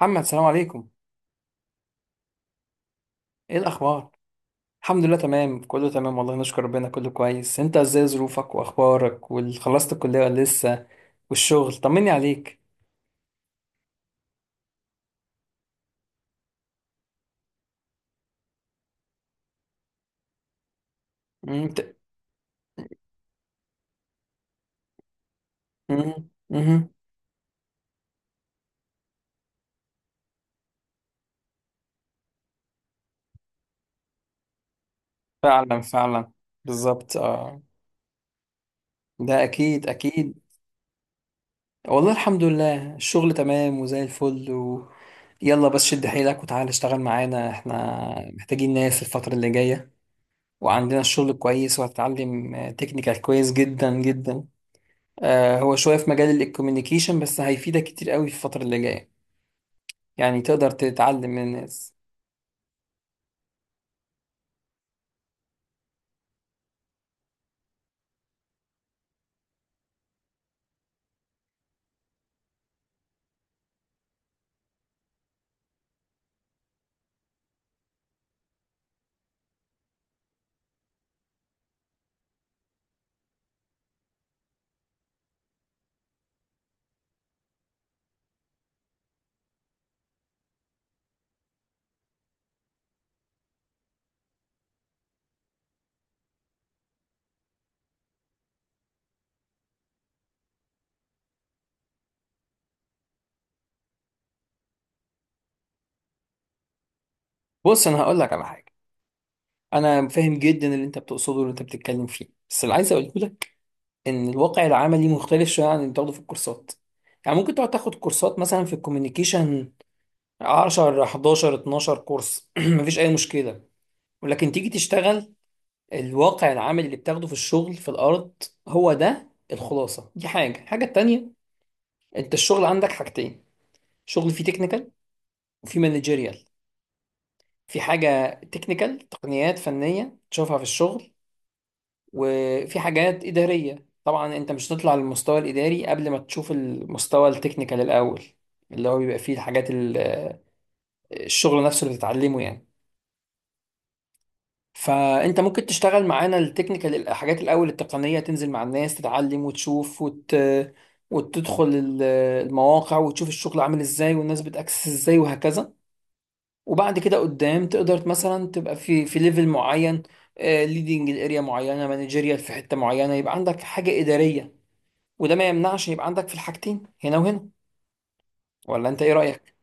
محمد، سلام عليكم. ايه الاخبار؟ الحمد لله، تمام، كله تمام والله، نشكر ربنا، كله كويس. انت ازاي؟ ظروفك واخبارك، وخلصت الكليه ولا لسه؟ والشغل طمني عليك. مم. مم، مم. فعلا فعلا، بالظبط، اه. ده اكيد اكيد. والله الحمد لله، الشغل تمام وزي الفل يلا بس شد حيلك وتعال اشتغل معانا، احنا محتاجين ناس الفترة اللي جاية، وعندنا الشغل كويس، وهتتعلم تكنيكال كويس جدا جدا. هو شوية في مجال الكوميونيكيشن بس هيفيدك كتير قوي في الفترة اللي جاية، يعني تقدر تتعلم من الناس. بص أنا هقول لك على حاجة، أنا فاهم جدا اللي أنت بتقصده واللي أنت بتتكلم فيه، بس اللي عايز أقوله لك إن الواقع العملي مختلف شوية عن اللي بتاخده في الكورسات. يعني ممكن تقعد تاخد كورسات مثلا في الكوميونيكيشن 10 11 12 كورس، مفيش أي مشكلة، ولكن تيجي تشتغل الواقع العملي اللي بتاخده في الشغل في الأرض، هو ده الخلاصة. دي حاجة، الحاجة التانية: أنت الشغل عندك حاجتين، شغل فيه تكنيكال وفي مانجيريال. في حاجة تكنيكال تقنيات فنية تشوفها في الشغل، وفي حاجات إدارية. طبعا أنت مش هتطلع للمستوى الإداري قبل ما تشوف المستوى التكنيكال الأول، اللي هو بيبقى فيه الحاجات الشغل نفسه اللي بتتعلمه يعني. فأنت ممكن تشتغل معانا التكنيكال، الحاجات الأول التقنية، تنزل مع الناس تتعلم وتشوف وتدخل المواقع وتشوف الشغل عامل إزاي والناس بتأكسس إزاي وهكذا. وبعد كده قدام تقدر مثلا تبقى في ليفل معين، ليدنج الاريا معينه، مانجيريال في حته معينه، يبقى عندك حاجه اداريه، وده ما يمنعش يبقى عندك في الحاجتين، هنا وهنا. ولا انت ايه رايك؟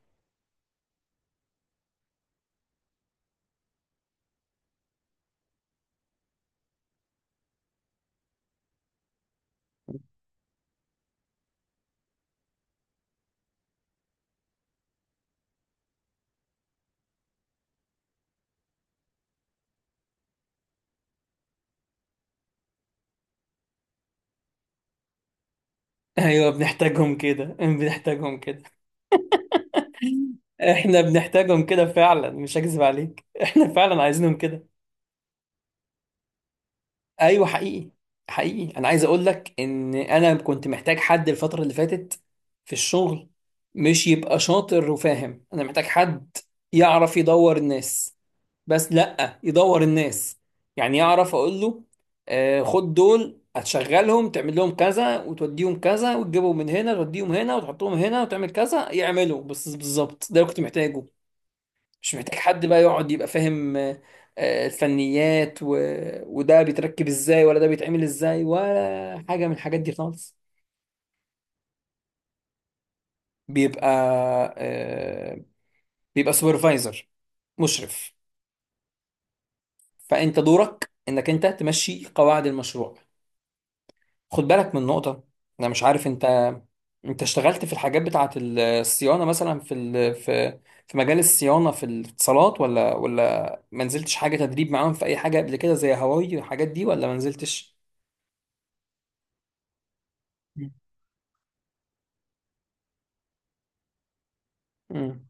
ايوه بنحتاجهم كده، بنحتاجهم كده، احنا بنحتاجهم كده فعلا، مش هكذب عليك، احنا فعلا عايزينهم كده. ايوه حقيقي، حقيقي. انا عايز اقول لك ان انا كنت محتاج حد الفتره اللي فاتت في الشغل، مش يبقى شاطر وفاهم، انا محتاج حد يعرف يدور الناس، بس لأ يدور الناس، يعني يعرف أقول له خد دول هتشغلهم، تعمل لهم كذا وتوديهم كذا وتجيبهم من هنا توديهم هنا وتحطهم هنا وتعمل كذا يعملوا، بس بالظبط ده اللي كنت محتاجه. مش محتاج حد بقى يقعد يبقى فاهم الفنيات وده بيتركب ازاي ولا ده بيتعمل ازاي، ولا حاجة من الحاجات دي خالص. بيبقى آه، بيبقى سوبرفايزر، مشرف. فأنت دورك إنك أنت تمشي قواعد المشروع. خد بالك من نقطة، أنا مش عارف أنت، أنت اشتغلت في الحاجات بتاعة الصيانة مثلا في ال... في في مجال الصيانة في الاتصالات، ولا ما نزلتش حاجة تدريب معاهم في أي حاجة قبل كده زي هواوي والحاجات دي، ولا ما نزلتش؟ مم.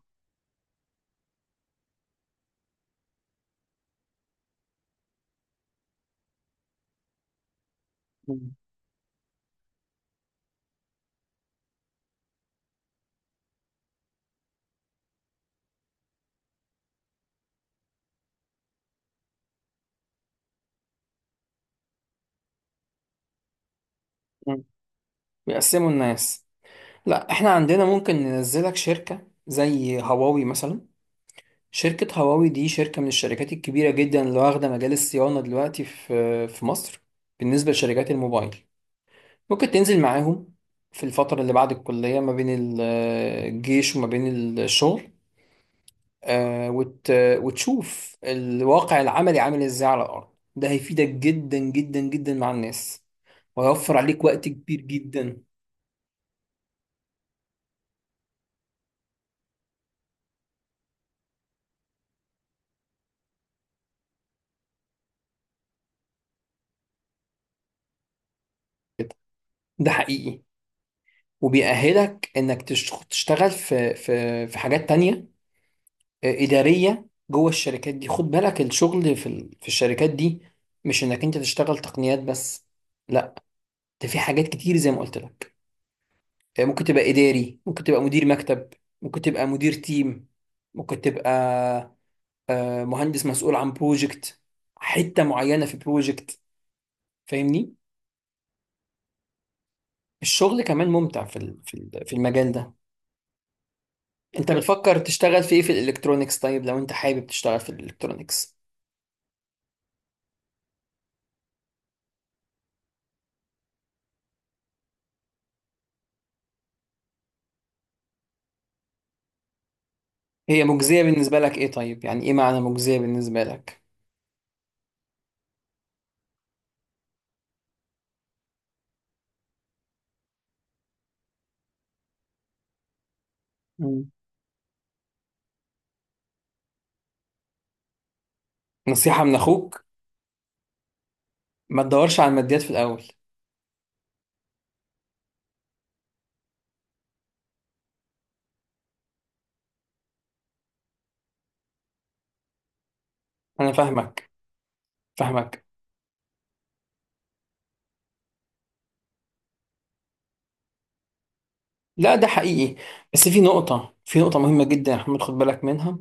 مم. مم. بيقسموا الناس. لا احنا عندنا ممكن ننزلك شركة زي هواوي مثلا، شركة هواوي دي شركة من الشركات الكبيرة جدا اللي واخدة مجال الصيانة دلوقتي في مصر بالنسبة لشركات الموبايل. ممكن تنزل معاهم في الفترة اللي بعد الكلية ما بين الجيش وما بين الشغل، آه، وت... وتشوف الواقع العملي عامل ازاي على الأرض. ده هيفيدك جدا جدا جدا مع الناس، وهيوفر عليك وقت كبير جدا. كده. ده حقيقي وبيأهلك انك تشتغل في في حاجات تانية إدارية جوه الشركات دي. خد بالك الشغل في في الشركات دي مش انك انت تشتغل تقنيات بس، لا، ده في حاجات كتير زي ما قلت لك. ممكن تبقى إداري، ممكن تبقى مدير مكتب، ممكن تبقى مدير تيم، ممكن تبقى مهندس مسؤول عن بروجكت، حتة معينة في بروجكت، فاهمني. الشغل كمان ممتع في في المجال ده. انت بتفكر تشتغل في ايه؟ في الالكترونيكس؟ طيب لو انت حابب تشتغل في الالكترونيكس، هي مجزية بالنسبة لك ايه؟ طيب يعني ايه معنى مجزية بالنسبة لك؟ مم. نصيحة من اخوك، ما تدورش على الماديات في الاول. انا فاهمك، فاهمك. لا ده حقيقي، بس في نقطة، في نقطة مهمة جدا يا محمد خد بالك منها.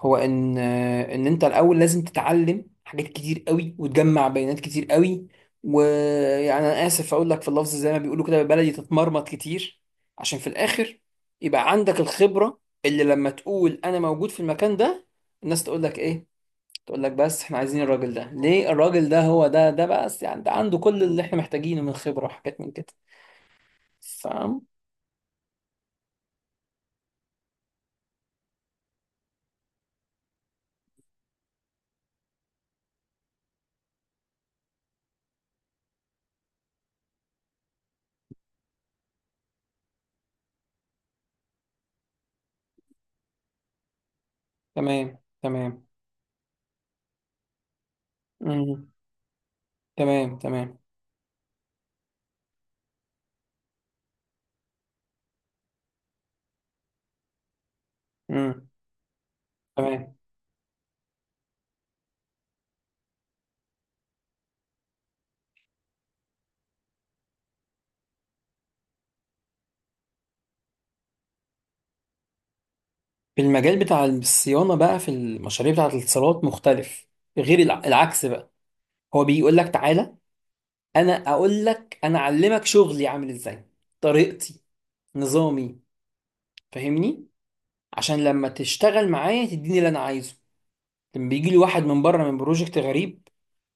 هو ان انت الاول لازم تتعلم حاجات كتير قوي وتجمع بيانات كتير قوي، ويعني انا اسف اقول لك في اللفظ زي ما بيقولوا كده بالبلدي، تتمرمط كتير عشان في الاخر يبقى عندك الخبرة اللي لما تقول انا موجود في المكان ده، الناس تقول لك ايه؟ تقول لك: بس احنا عايزين الراجل ده، ليه الراجل ده؟ هو ده بس، يعني ده عنده كل اللي احنا محتاجينه من خبرة وحاجات من كده. فاهم. تمام تمام. مم. تمام تمام. امم. تمام. المجال بتاع الصيانه بقى في المشاريع بتاعه الاتصالات مختلف، غير العكس بقى. هو بيقول لك تعالى انا اقول لك، انا اعلمك شغلي عامل ازاي، طريقتي، نظامي، فاهمني، عشان لما تشتغل معايا تديني اللي انا عايزه. لما بيجي لي واحد من بره من بروجكت غريب،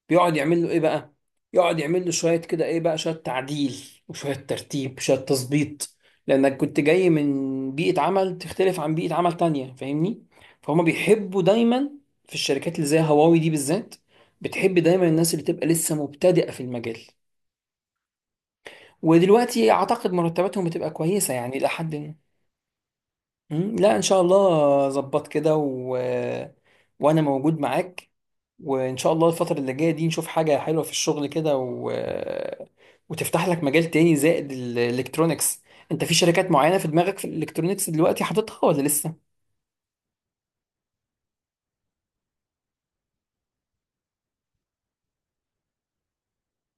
بيقعد يعمل له ايه بقى؟ يقعد يعمل له شويه كده، ايه بقى، شويه تعديل وشويه ترتيب، شويه تظبيط، لانك كنت جاي من بيئه عمل تختلف عن بيئه عمل تانية، فاهمني. فهم بيحبوا دايما في الشركات اللي زي هواوي دي بالذات، بتحب دايما الناس اللي تبقى لسه مبتدئه في المجال. ودلوقتي اعتقد مرتباتهم بتبقى كويسه، يعني الى حد ما. لا ان شاء الله ظبط كده وانا موجود معاك، وان شاء الله الفترة اللي جاية دي نشوف حاجة حلوة في الشغل كده وتفتح لك مجال تاني زائد الالكترونيكس. انت في شركات معينة في دماغك في الالكترونيكس دلوقتي حاططها ولا لسه؟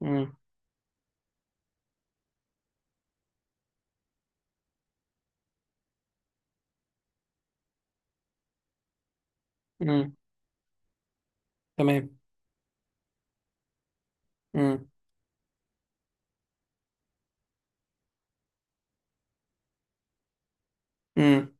امم. امم. تمام. امم. امم.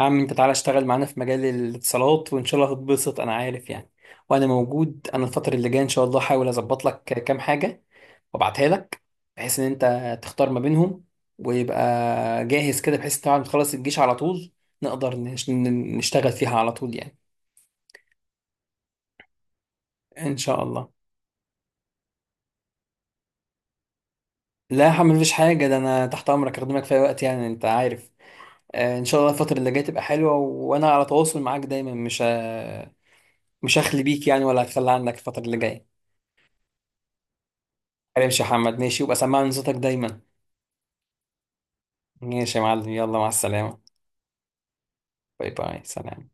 يا عم انت تعالى اشتغل معانا في مجال الاتصالات وان شاء الله هتتبسط، انا عارف يعني. وانا موجود، انا الفترة اللي جاية ان شاء الله هحاول اظبط لك كام حاجة وابعتها لك، بحيث ان انت تختار ما بينهم، ويبقى جاهز كده، بحيث طبعا تخلص الجيش على طول نقدر نشتغل فيها على طول يعني. ان شاء الله. لا يا حمد مفيش حاجه، ده انا تحت امرك اخدمك في اي وقت يعني انت عارف. ان شاء الله الفتره اللي جايه تبقى حلوه، وانا على تواصل معاك دايما، مش هخلي بيك يعني، ولا هتخلى عنك الفتره اللي جايه. ماشي يا حمد ماشي، وابقى سمعني صوتك دايما. ماشي يا معلم، يلا مع السلامه. باي باي، سلام.